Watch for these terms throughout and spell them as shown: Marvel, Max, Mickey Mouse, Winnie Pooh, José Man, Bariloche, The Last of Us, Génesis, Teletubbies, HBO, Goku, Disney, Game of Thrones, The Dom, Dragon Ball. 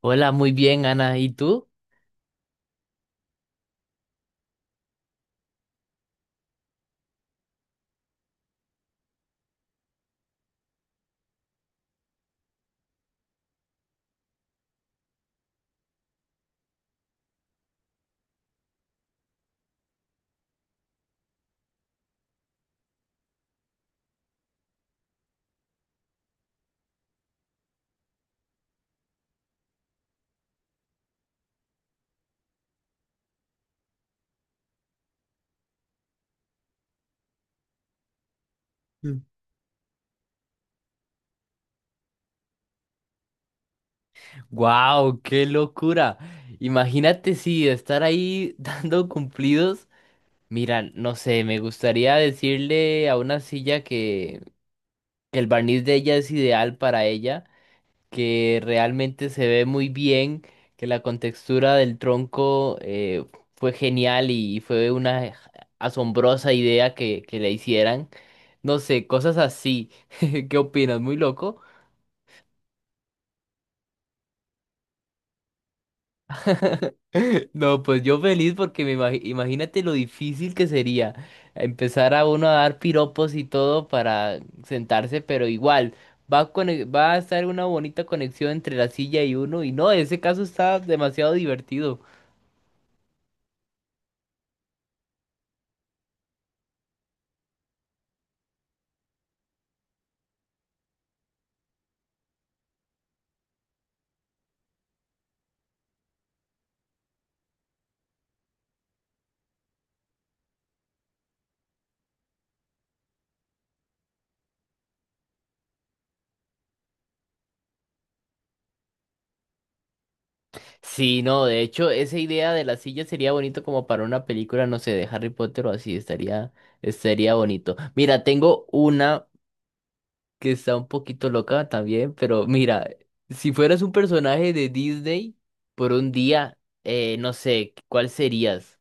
Hola, muy bien, Ana. ¿Y tú? Mm. ¡Wow! ¡Qué locura! Imagínate si estar ahí dando cumplidos. Mira, no sé, me gustaría decirle a una silla que el barniz de ella es ideal para ella, que realmente se ve muy bien, que la contextura del tronco fue genial y fue una asombrosa idea que le hicieran. No sé, cosas así. ¿Qué opinas? ¿Muy loco? No, pues yo feliz porque imagínate lo difícil que sería empezar a uno a dar piropos y todo para sentarse, pero igual va a estar una bonita conexión entre la silla y uno y no, ese caso está demasiado divertido. Sí, no, de hecho esa idea de la silla sería bonito como para una película, no sé, de Harry Potter o así, estaría, estaría bonito. Mira, tengo una que está un poquito loca también, pero mira, si fueras un personaje de Disney por un día, no sé, ¿cuál serías?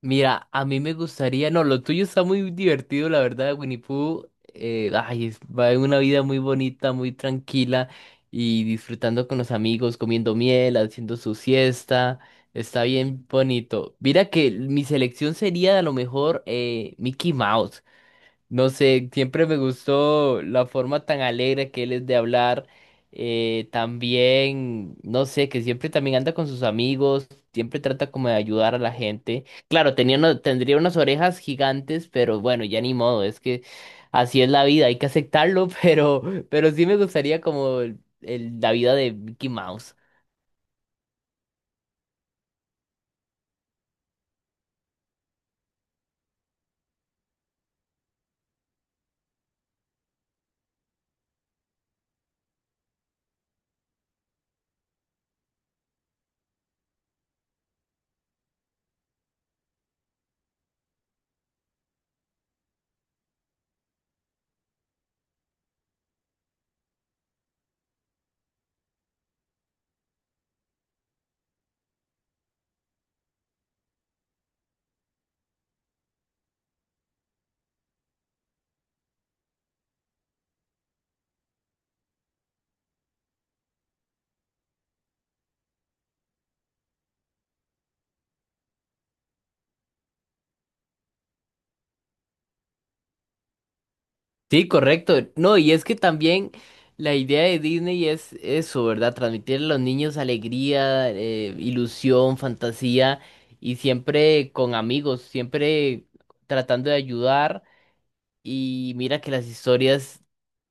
Mira, a mí me gustaría, no, lo tuyo está muy divertido, la verdad, Winnie Pooh, ay, va en una vida muy bonita, muy tranquila y disfrutando con los amigos, comiendo miel, haciendo su siesta, está bien bonito. Mira que mi selección sería a lo mejor Mickey Mouse. No sé, siempre me gustó la forma tan alegre que él es de hablar. También, no sé, que siempre también anda con sus amigos, siempre trata como de ayudar a la gente. Claro, tendría unas orejas gigantes, pero bueno, ya ni modo, es que así es la vida, hay que aceptarlo, pero, pero sí me gustaría como la vida de Mickey Mouse. Sí, correcto. No, y es que también la idea de Disney es eso, ¿verdad? Transmitir a los niños alegría, ilusión, fantasía y siempre con amigos, siempre tratando de ayudar. Y mira que las historias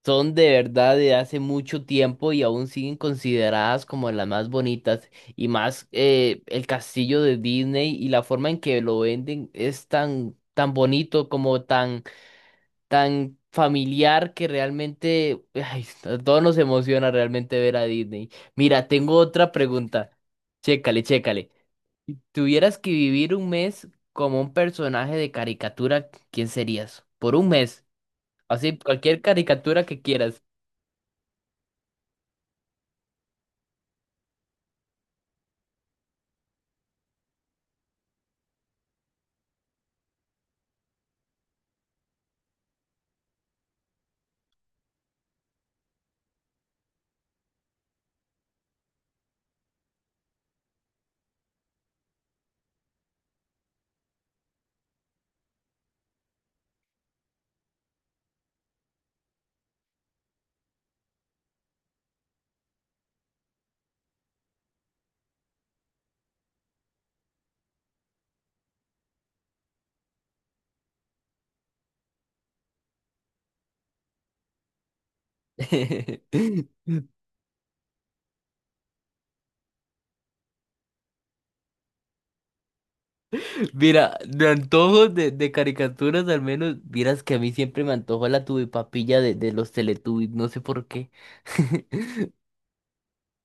son de verdad de hace mucho tiempo y aún siguen consideradas como las más bonitas. Y más el castillo de Disney y la forma en que lo venden es tan bonito como tan familiar que realmente, ay, a todos nos emociona realmente ver a Disney. Mira, tengo otra pregunta. Chécale, chécale. Si tuvieras que vivir un mes como un personaje de caricatura, ¿quién serías? Por un mes. Así, cualquier caricatura que quieras. Mira, de antojos de caricaturas al menos, vieras que a mí siempre me antojó la tubipapilla de los Teletubbies, no sé por qué.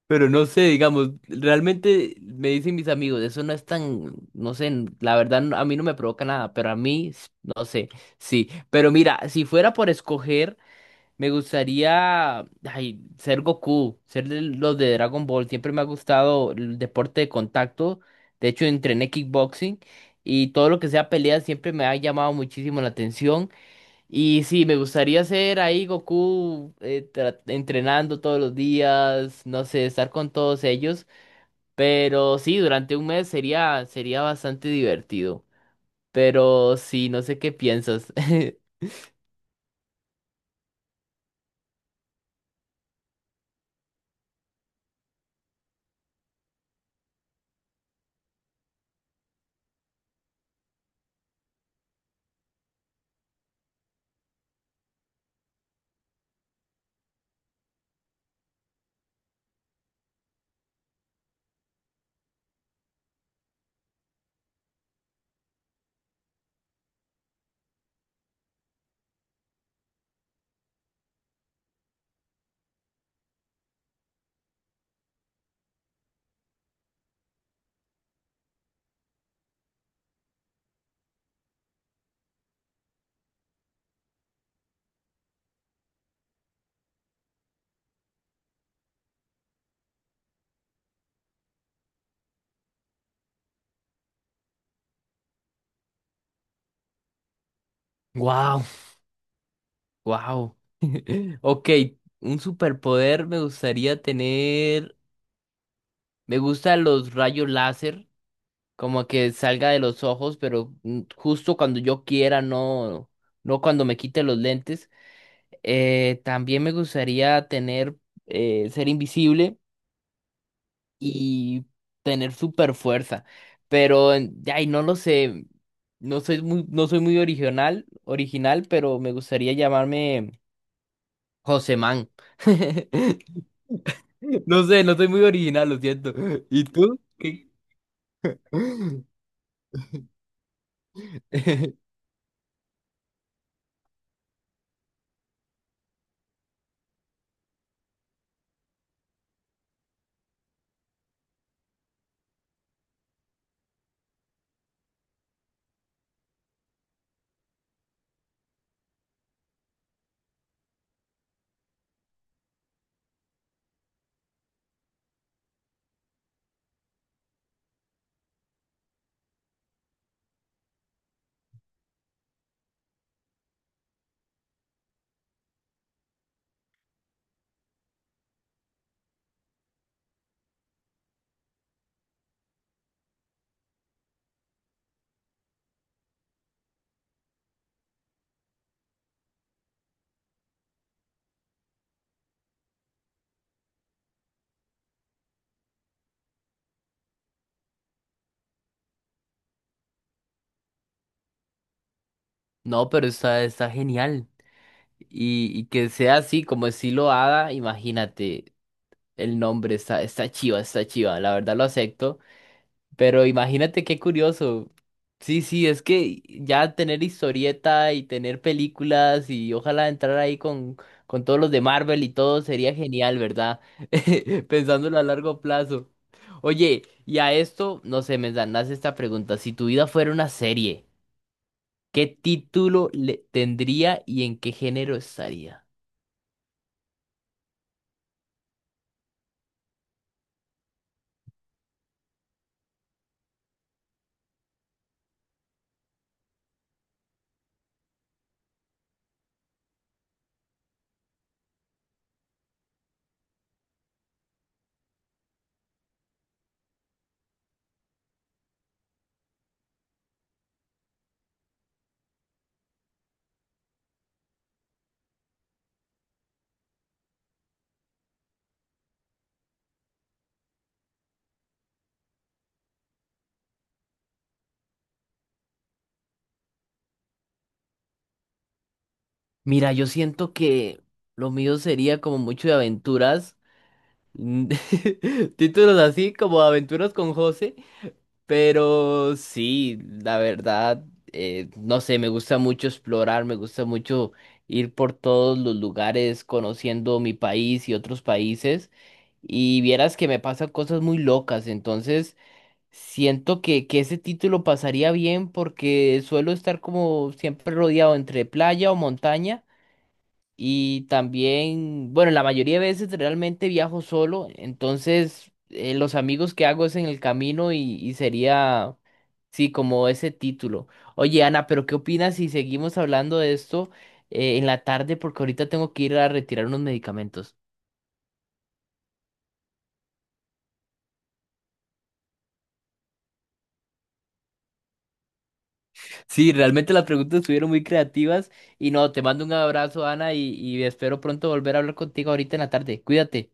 Pero no sé, digamos, realmente me dicen mis amigos, eso no es tan, no sé, la verdad a mí no me provoca nada, pero a mí, no sé, sí. Pero mira, si fuera por escoger, me gustaría, ay, ser Goku, ser de los de Dragon Ball, siempre me ha gustado el deporte de contacto, de hecho entrené kickboxing y todo lo que sea peleas siempre me ha llamado muchísimo la atención. Y sí, me gustaría ser ahí Goku entrenando todos los días, no sé, estar con todos ellos, pero sí, durante un mes sería sería bastante divertido. Pero sí, no sé qué piensas. ¡Wow, wow! Ok, un superpoder me gustaría tener. Me gustan los rayos láser, como que salga de los ojos, pero mm, justo cuando yo quiera, no, no cuando me quite los lentes. También me gustaría tener, ser invisible y tener super fuerza, pero ay, no lo sé, no soy muy original, original, pero me gustaría llamarme José Man. No sé, no soy muy original, lo siento. ¿Y tú? ¿Qué? No, pero está, está genial. Y que sea así, como estilo Hada, imagínate el nombre, está, está chiva, la verdad lo acepto. Pero imagínate qué curioso. Sí, sí, es que ya tener historieta y tener películas y ojalá entrar ahí con todos los de Marvel y todo sería genial, ¿verdad? Pensándolo a largo plazo. Oye, y a esto, no sé, esta pregunta. Si tu vida fuera una serie, ¿qué título le tendría y en qué género estaría? Mira, yo siento que lo mío sería como mucho de aventuras. Títulos así como Aventuras con José. Pero sí, la verdad, no sé, me gusta mucho explorar, me gusta mucho ir por todos los lugares conociendo mi país y otros países. Y vieras que me pasan cosas muy locas, entonces siento que ese título pasaría bien porque suelo estar como siempre rodeado entre playa o montaña. Y también, bueno, la mayoría de veces realmente viajo solo, entonces los amigos que hago es en el camino y sería... Sí, como ese título. Oye, Ana, pero ¿qué opinas si seguimos hablando de esto en la tarde? Porque ahorita tengo que ir a retirar unos medicamentos. Sí, realmente las preguntas estuvieron muy creativas y no, te mando un abrazo, Ana, y espero pronto volver a hablar contigo ahorita en la tarde. Cuídate.